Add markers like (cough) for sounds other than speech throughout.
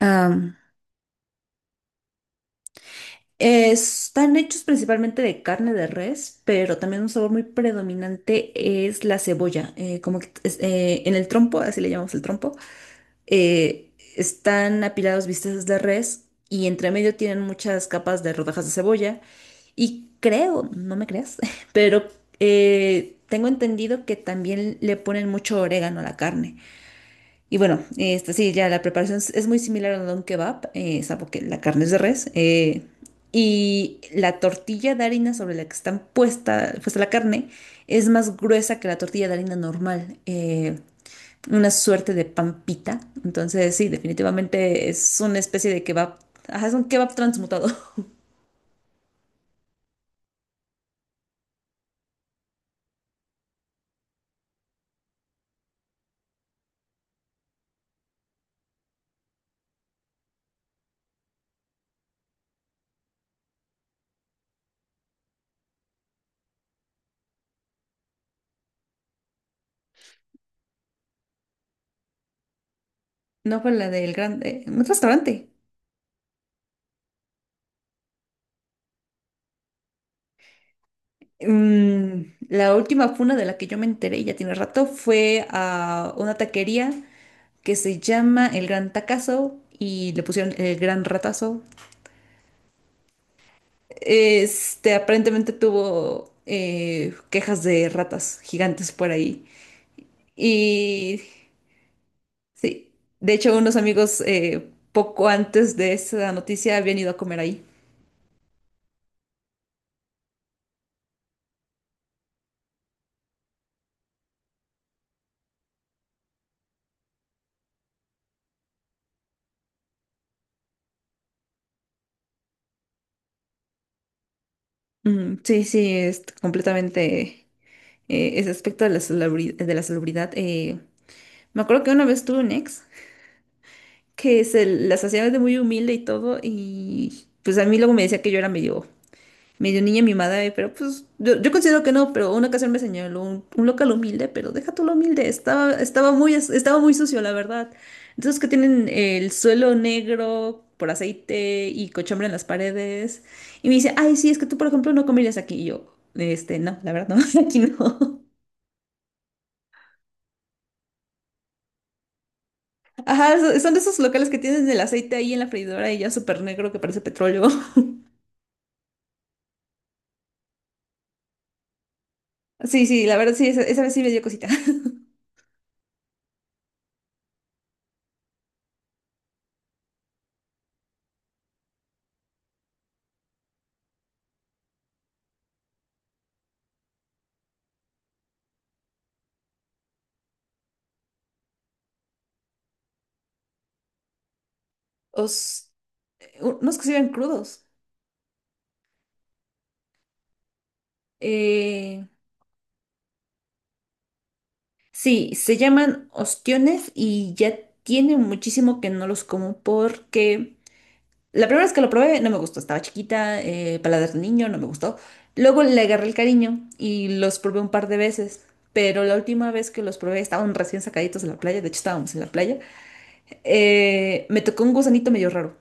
Am, Están hechos principalmente de carne de res, pero también un sabor muy predominante es la cebolla. En el trompo, así le llamamos el trompo, eh, están apilados bisteces de res y entre medio tienen muchas capas de rodajas de cebolla. Y creo, no me creas, (laughs) pero tengo entendido que también le ponen mucho orégano a la carne. Y bueno, este, sí, ya la preparación es muy similar a un kebab, salvo que la carne es de res. Y la tortilla de harina sobre la que está puesta la carne es más gruesa que la tortilla de harina normal. Una suerte de pampita. Entonces, sí, definitivamente es una especie de kebab. Ajá, es un kebab transmutado. (laughs) No fue la del grande, un restaurante. Mm, la última funa de la que yo me enteré, ya tiene rato, fue a una taquería que se llama El Gran Tacazo y le pusieron El Gran Ratazo. Este aparentemente tuvo quejas de ratas gigantes por ahí. Y sí, de hecho unos amigos poco antes de esa noticia habían ido a comer ahí. Mm, sí, sí, es completamente ese aspecto de la celebridad. De la celebridad, me acuerdo que una vez tuve un ex que se las hacía de muy humilde y todo y pues a mí luego me decía que yo era medio niña mimada, pero pues yo considero que no, pero una ocasión me señaló un local humilde, pero deja tú lo humilde, estaba muy, estaba muy sucio, la verdad. Entonces que tienen el suelo negro por aceite y cochambre en las paredes. Y me dice, ay, sí, es que tú, por ejemplo, no comerías aquí. Y yo, este, no, la verdad, no, (laughs) aquí no. Ajá, son de esos locales que tienen el aceite ahí en la freidora y ya súper negro que parece petróleo. (laughs) Sí, sí, la verdad, sí, esa vez sí me dio cosita. (laughs) Os, Unos que se iban crudos. Eh, Sí, se llaman ostiones y ya tiene muchísimo que no los como porque la primera vez que lo probé no me gustó, estaba chiquita, paladar de niño, no me gustó. Luego le agarré el cariño y los probé un par de veces, pero la última vez que los probé estaban recién sacaditos de la playa, de hecho estábamos en la playa, me tocó un gusanito medio raro.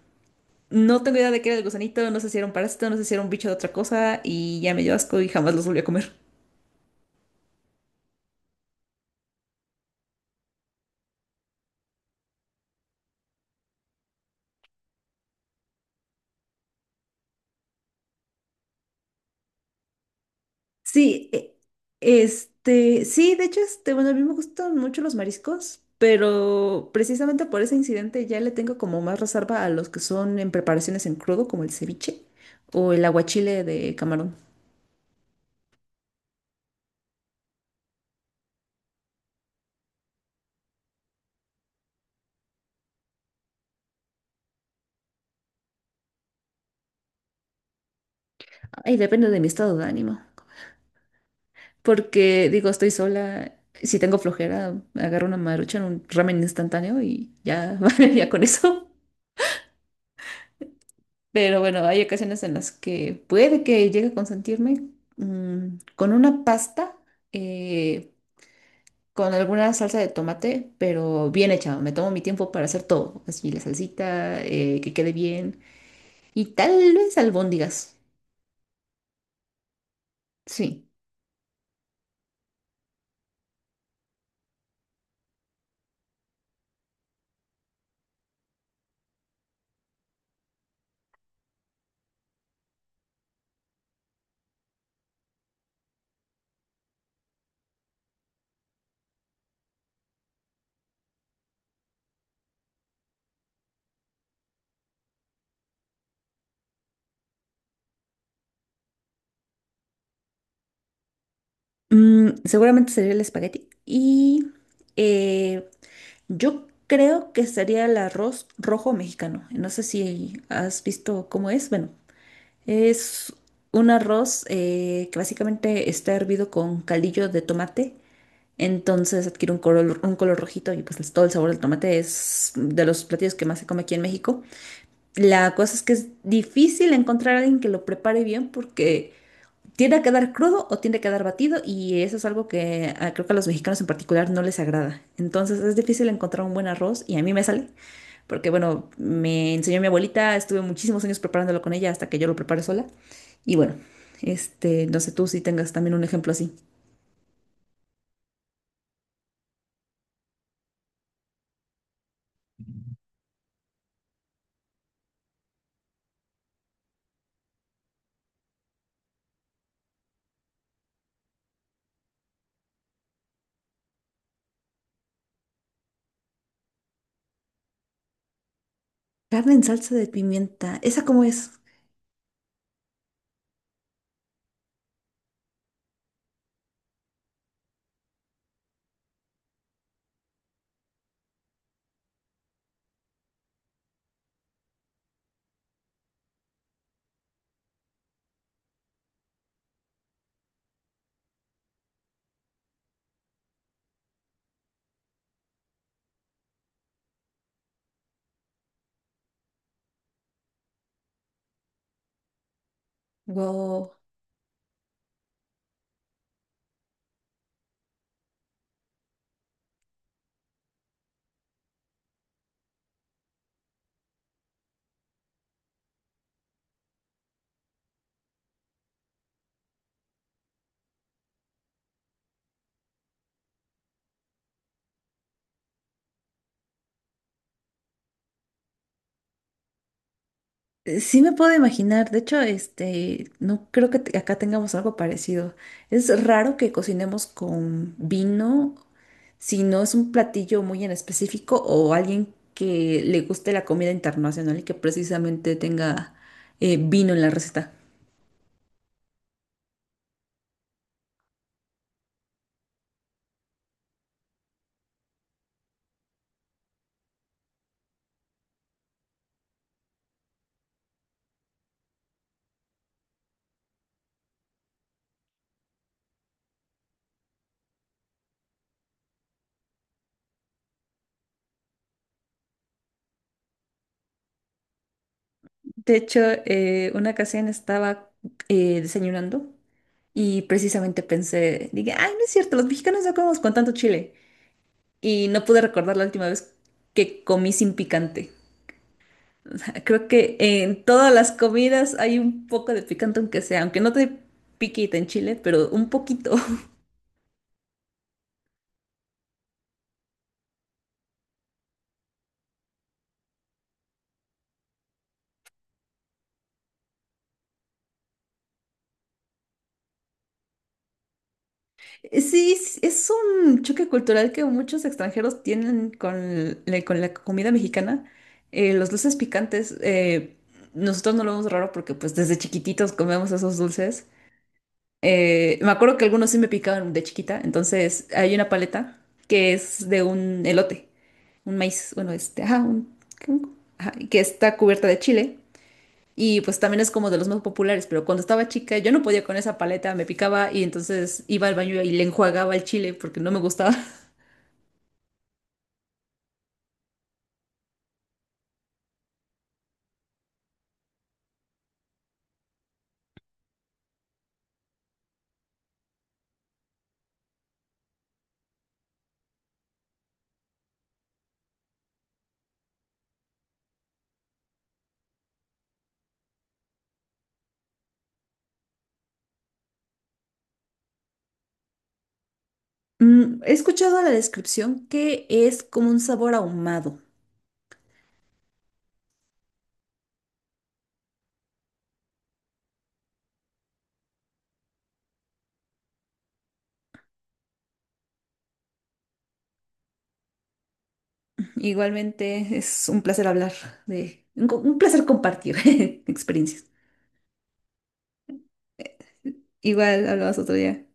No tengo idea de qué era el gusanito, no sé si era un parásito, no sé si era un bicho de otra cosa y ya me dio asco y jamás los volví a comer. Sí, este, sí, de hecho, este, bueno, a mí me gustan mucho los mariscos, pero precisamente por ese incidente ya le tengo como más reserva a los que son en preparaciones en crudo, como el ceviche o el aguachile de camarón. Ay, depende de mi estado de ánimo. Porque digo, estoy sola, si tengo flojera, agarro una marucha en un ramen instantáneo y ya, (laughs) ya con eso. Pero bueno, hay ocasiones en las que puede que llegue a consentirme con una pasta. eh, con alguna salsa de tomate, pero bien hecha. Me tomo mi tiempo para hacer todo. Así la salsita, que quede bien. Y tal vez albóndigas. Sí. Mm, seguramente sería el espagueti. Eh, yo creo que sería el arroz rojo mexicano. ¿No sé si has visto cómo es? Bueno, es un arroz que básicamente está hervido con caldillo de tomate. Entonces adquiere un color rojito y pues es todo el sabor del tomate, es de los platillos que más se come aquí en México. La cosa es que es difícil encontrar a alguien que lo prepare bien porque tiende a quedar crudo o tiende a quedar batido y eso es algo que, creo que a los mexicanos en particular no les agrada. Entonces es difícil encontrar un buen arroz y a mí me sale porque bueno, me enseñó mi abuelita, estuve muchísimos años preparándolo con ella hasta que yo lo preparé sola y bueno, este, no sé tú si tengas también un ejemplo así. Carne en salsa de pimienta, ¿esa cómo es? Wow. Sí me puedo imaginar. De hecho, este, no creo que acá tengamos algo parecido. Es raro que cocinemos con vino, si no es un platillo muy en específico o alguien que le guste la comida internacional y que precisamente tenga vino en la receta. De hecho, una ocasión estaba desayunando y precisamente pensé, dije, ay, no es cierto, los mexicanos no comemos con tanto chile. Y no pude recordar la última vez que comí sin picante. (laughs) Creo que en todas las comidas hay un poco de picante, aunque sea, aunque no te piquita en Chile, pero un poquito. (laughs) Sí, es un choque cultural que muchos extranjeros tienen con la comida mexicana. Los dulces picantes, nosotros no lo vemos raro porque pues desde chiquititos comemos esos dulces. Me acuerdo que algunos sí me picaban de chiquita, entonces hay una paleta que es de un elote, un maíz, bueno, este, ajá, un, ajá, que está cubierta de chile. Y pues también es como de los más populares, pero cuando estaba chica yo no podía con esa paleta, me picaba y entonces iba al baño y le enjuagaba el chile porque no me gustaba. (laughs) Mm, he escuchado la descripción que es como un sabor ahumado. Igualmente es un placer hablar de, un, un placer compartir (laughs) experiencias. Igual hablabas otro día.